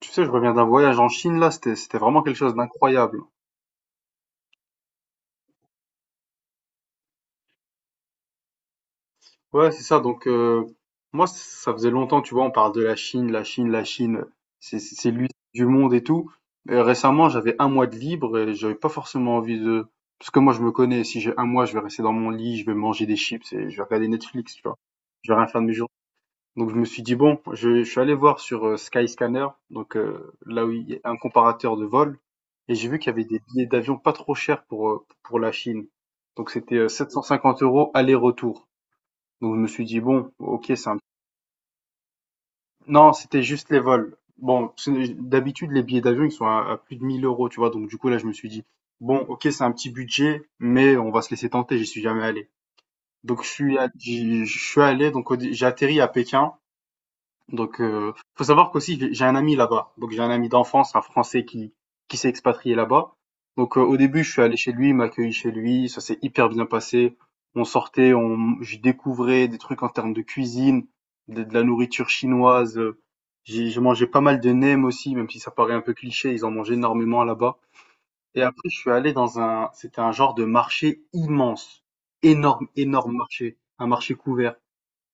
Tu sais, je reviens d'un voyage en Chine, là, c'était vraiment quelque chose d'incroyable. Ouais, c'est ça, moi, ça faisait longtemps, tu vois, on parle de la Chine, la Chine, la Chine, c'est l'usine du monde et tout. Récemment, j'avais un mois de libre et j'avais pas forcément envie de... Parce que moi, je me connais, si j'ai un mois, je vais rester dans mon lit, je vais manger des chips et je vais regarder Netflix, tu vois. Je vais rien faire de mes journées. Donc je me suis dit, bon, je suis allé voir sur Skyscanner, là où il y a un comparateur de vol, et j'ai vu qu'il y avait des billets d'avion pas trop chers pour la Chine. Donc c'était 750 € aller-retour. Donc je me suis dit, bon, ok, c'est un... Non, c'était juste les vols. Bon, d'habitude, les billets d'avion, ils sont à plus de 1000 euros, tu vois. Donc du coup, là, je me suis dit, bon, ok, c'est un petit budget, mais on va se laisser tenter, j'y suis jamais allé. Donc je suis allé, donc j'ai atterri à Pékin. Donc, faut savoir qu'aussi j'ai un ami là-bas. Donc j'ai un ami d'enfance, un Français qui s'est expatrié là-bas. Au début, je suis allé chez lui, il m'a accueilli chez lui, ça s'est hyper bien passé. On sortait, j'y découvrais des trucs en termes de cuisine, de la nourriture chinoise. J'ai mangé pas mal de nems aussi, même si ça paraît un peu cliché, ils en mangent énormément là-bas. Et après, je suis allé dans un, c'était un genre de marché immense, énorme marché, un marché couvert,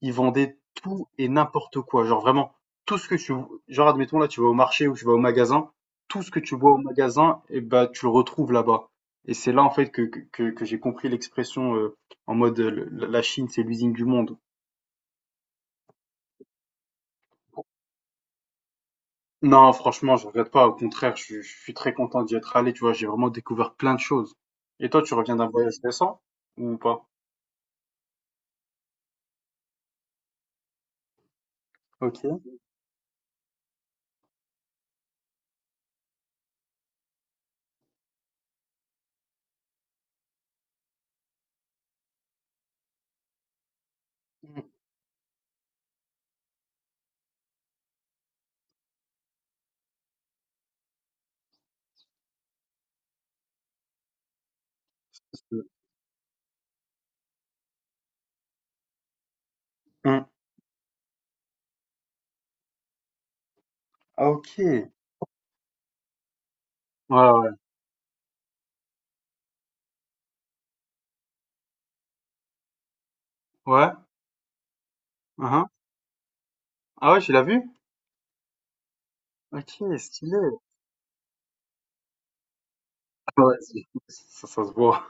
ils vendaient tout et n'importe quoi. Genre vraiment, tout ce que tu, genre admettons là, tu vas au marché ou tu vas au magasin, tout ce que tu vois au magasin, et bah tu le retrouves là-bas. Et c'est là en fait que j'ai compris l'expression en mode la Chine c'est l'usine du monde. Non, franchement, je regrette pas. Au contraire, je suis très content d'y être allé. Tu vois, j'ai vraiment découvert plein de choses. Et toi, tu reviens d'un voyage récent ou pas? Ok. Hmm. Ah, ok. Ouais, ouais. Ouais. Uhum. Ah ouais, tu l'as vu? Ok, stylé. Ouais, ça, ça se voit.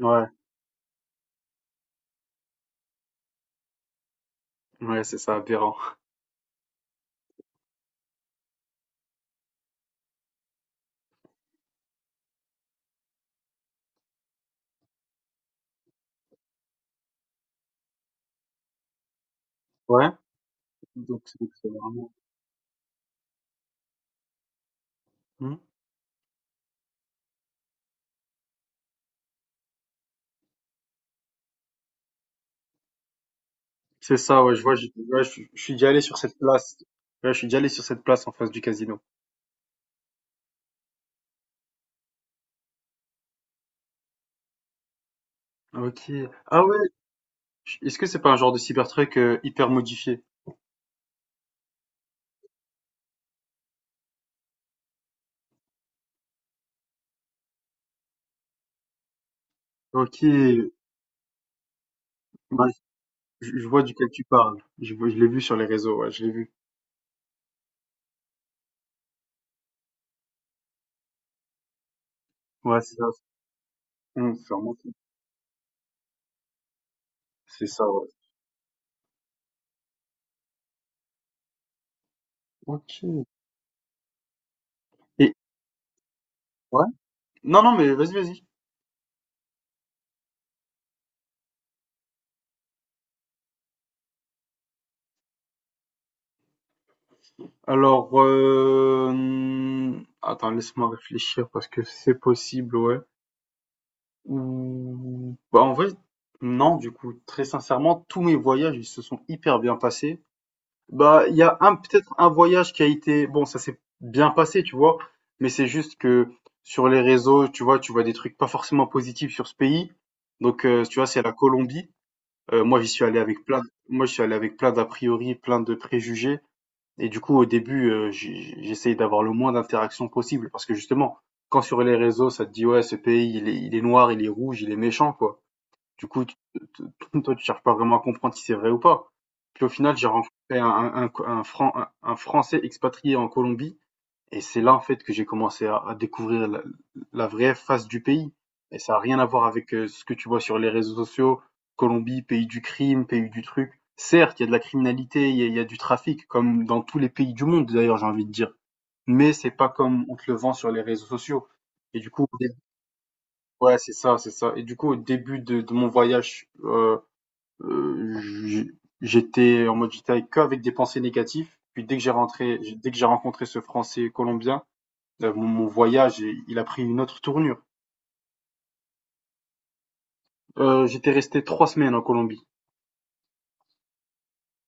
Ouais, ouais, c'est ça, aberrant. Ouais, donc c'est vraiment. Hmm. C'est ça, ouais, je vois, je, ouais, je suis déjà allé sur cette place. Ouais, je suis déjà allé sur cette place en face du casino. Ok. Ah ouais, est-ce que c'est pas un genre de Cybertruck hyper modifié? Ok, bah, je vois duquel tu parles. Je l'ai vu sur les réseaux, ouais, je l'ai vu. Ouais, c'est ça. Hmm, cool. C'est ça, ouais. Ok. Et, ouais? Non, non, mais vas-y, vas-y. Alors, attends, laisse-moi réfléchir parce que c'est possible, ouais. Ou, bah, en vrai, non, du coup, très sincèrement, tous mes voyages, ils se sont hyper bien passés. Bah, il y a un peut-être un voyage qui a été bon, ça s'est bien passé, tu vois? Mais c'est juste que sur les réseaux, tu vois des trucs pas forcément positifs sur ce pays. Donc, tu vois, c'est la Colombie. Moi, j'y suis allé avec plein moi, j'y suis allé avec plein d'a priori, plein de préjugés. Et du coup, au début, j'essayais d'avoir le moins d'interactions possible parce que justement, quand sur les réseaux, ça te dit: «Ouais, ce pays, il est noir, il est rouge, il est méchant», quoi. Du coup, tu te toi, tu cherches pas vraiment à comprendre si c'est vrai ou pas. Puis au final, j'ai rencontré un Français expatrié en Colombie et c'est là, en fait, que j'ai commencé à découvrir la vraie face du pays. Et ça n'a rien à voir avec ce que tu vois sur les réseaux sociaux. Colombie, pays du crime, pays du truc. Certes, il y a de la criminalité, il y a du trafic, comme dans tous les pays du monde, d'ailleurs, j'ai envie de dire. Mais c'est pas comme on te le vend sur les réseaux sociaux. Et du coup, au dé- ouais, c'est ça, c'est ça. Et du coup, au début de mon voyage, euh, j- j'étais en mode, j'étais avec- que avec des pensées négatives. Puis dès que j'ai rentré, Dès que j'ai rencontré ce Français colombien, mon voyage, il a pris une autre tournure. J'étais resté 3 semaines en Colombie.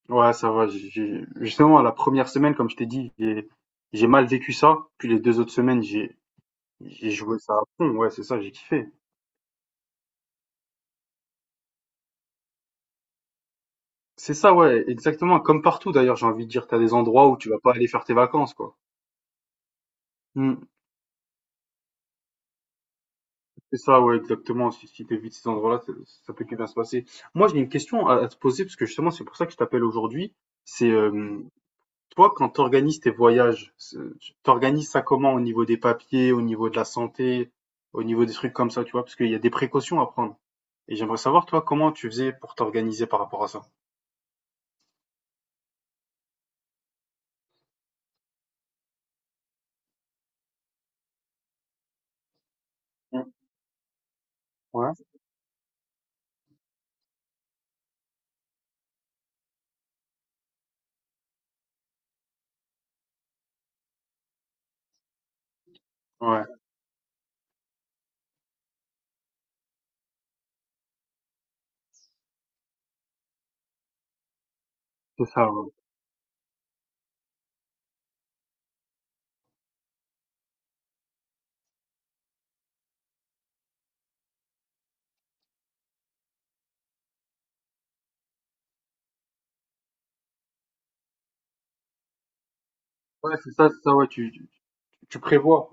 Ouais, ça va. Justement, la première semaine, comme je t'ai dit, j'ai mal vécu ça. Puis les deux autres semaines, j'ai joué ça à fond. Ouais, c'est ça, j'ai kiffé. C'est ça, ouais, exactement. Comme partout, d'ailleurs, j'ai envie de dire, t'as des endroits où tu vas pas aller faire tes vacances, quoi. Hmm, c'est ça, ouais, exactement. Si, si t'évites ces endroits-là, ça peut que bien se passer. Moi, j'ai une question à te poser, parce que justement, c'est pour ça que je t'appelle aujourd'hui. C'est Toi, quand tu organises tes voyages, tu organises ça comment au niveau des papiers, au niveau de la santé, au niveau des trucs comme ça, tu vois, parce qu'il y a des précautions à prendre. Et j'aimerais savoir, toi, comment tu faisais pour t'organiser par rapport à ça. Mm. Ouais, ouais, c'est ça. Ouais, ouais, c'est ça, ouais, tu prévois.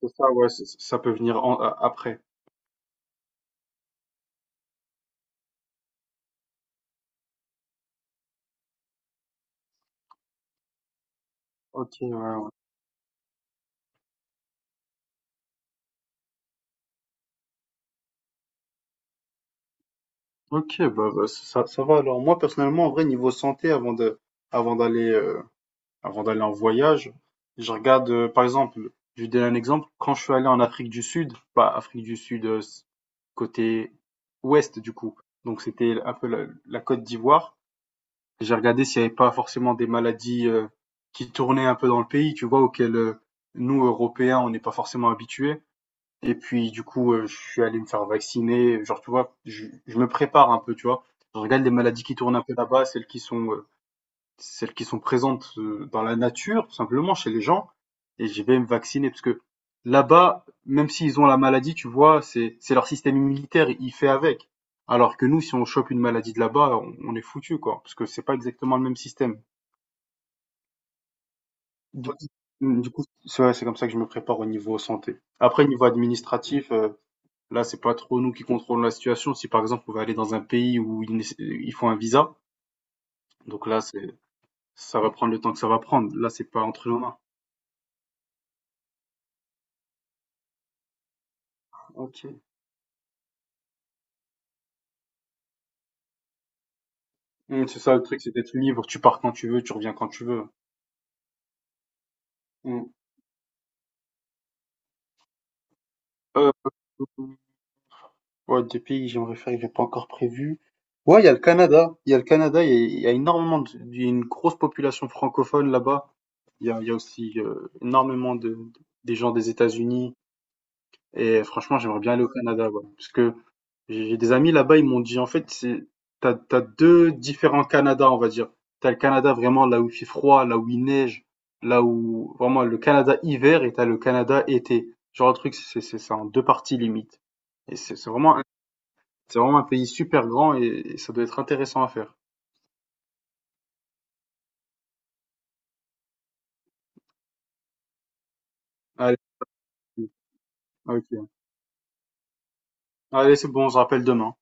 C'est ça, ouais, ça peut venir après. Ok, ouais. Ok, bah, bah, ça va. Alors, moi, personnellement, en vrai, niveau santé, avant d'aller, euh, avant d'aller en voyage. Je regarde, par exemple, je vais donner un exemple. Quand je suis allé en Afrique du Sud, pas Afrique du Sud, côté ouest du coup, donc c'était un peu la Côte d'Ivoire, j'ai regardé s'il n'y avait pas forcément des maladies qui tournaient un peu dans le pays, tu vois, auxquelles nous, Européens, on n'est pas forcément habitués. Et puis, du coup, je suis allé me faire vacciner. Genre, tu vois, je me prépare un peu, tu vois. Je regarde les maladies qui tournent un peu là-bas, celles qui sont présentes dans la nature, tout simplement, chez les gens, et je vais me vacciner parce que là-bas, même s'ils ont la maladie, tu vois, c'est leur système immunitaire, il fait avec. Alors que nous, si on chope une maladie de là-bas, on est foutu, quoi, parce que c'est pas exactement le même système. Du coup, du coup, c'est ouais, c'est comme ça que je me prépare au niveau santé. Après, niveau administratif, là, c'est pas trop nous qui contrôlons la situation. Si par exemple, on va aller dans un pays où ils font un visa, donc là, c'est ça va prendre le temps que ça va prendre. Là, c'est pas entre nos mains. Ok. Mmh, c'est ça le truc, c'est d'être libre. Tu pars quand tu veux, tu reviens quand tu veux. Mmh. Euh, ouais, des pays que j'aimerais faire, que j'ai pas encore prévu. Ouais, il y a le Canada. Il y a le Canada, il y a énormément de, il y a une grosse population francophone là-bas. Il y a aussi des gens des États-Unis. Et franchement, j'aimerais bien aller au Canada, ouais, parce que j'ai des amis là-bas, ils m'ont dit, en fait, t'as deux différents Canada, on va dire. T'as le Canada vraiment là où il fait froid, là où il neige, là où vraiment le Canada hiver et t'as le Canada été. Genre le truc, c'est en deux parties limite. Et c'est vraiment, c'est vraiment un pays super grand et ça doit être intéressant à faire. Allez, ok. Allez, c'est bon, on se rappelle demain.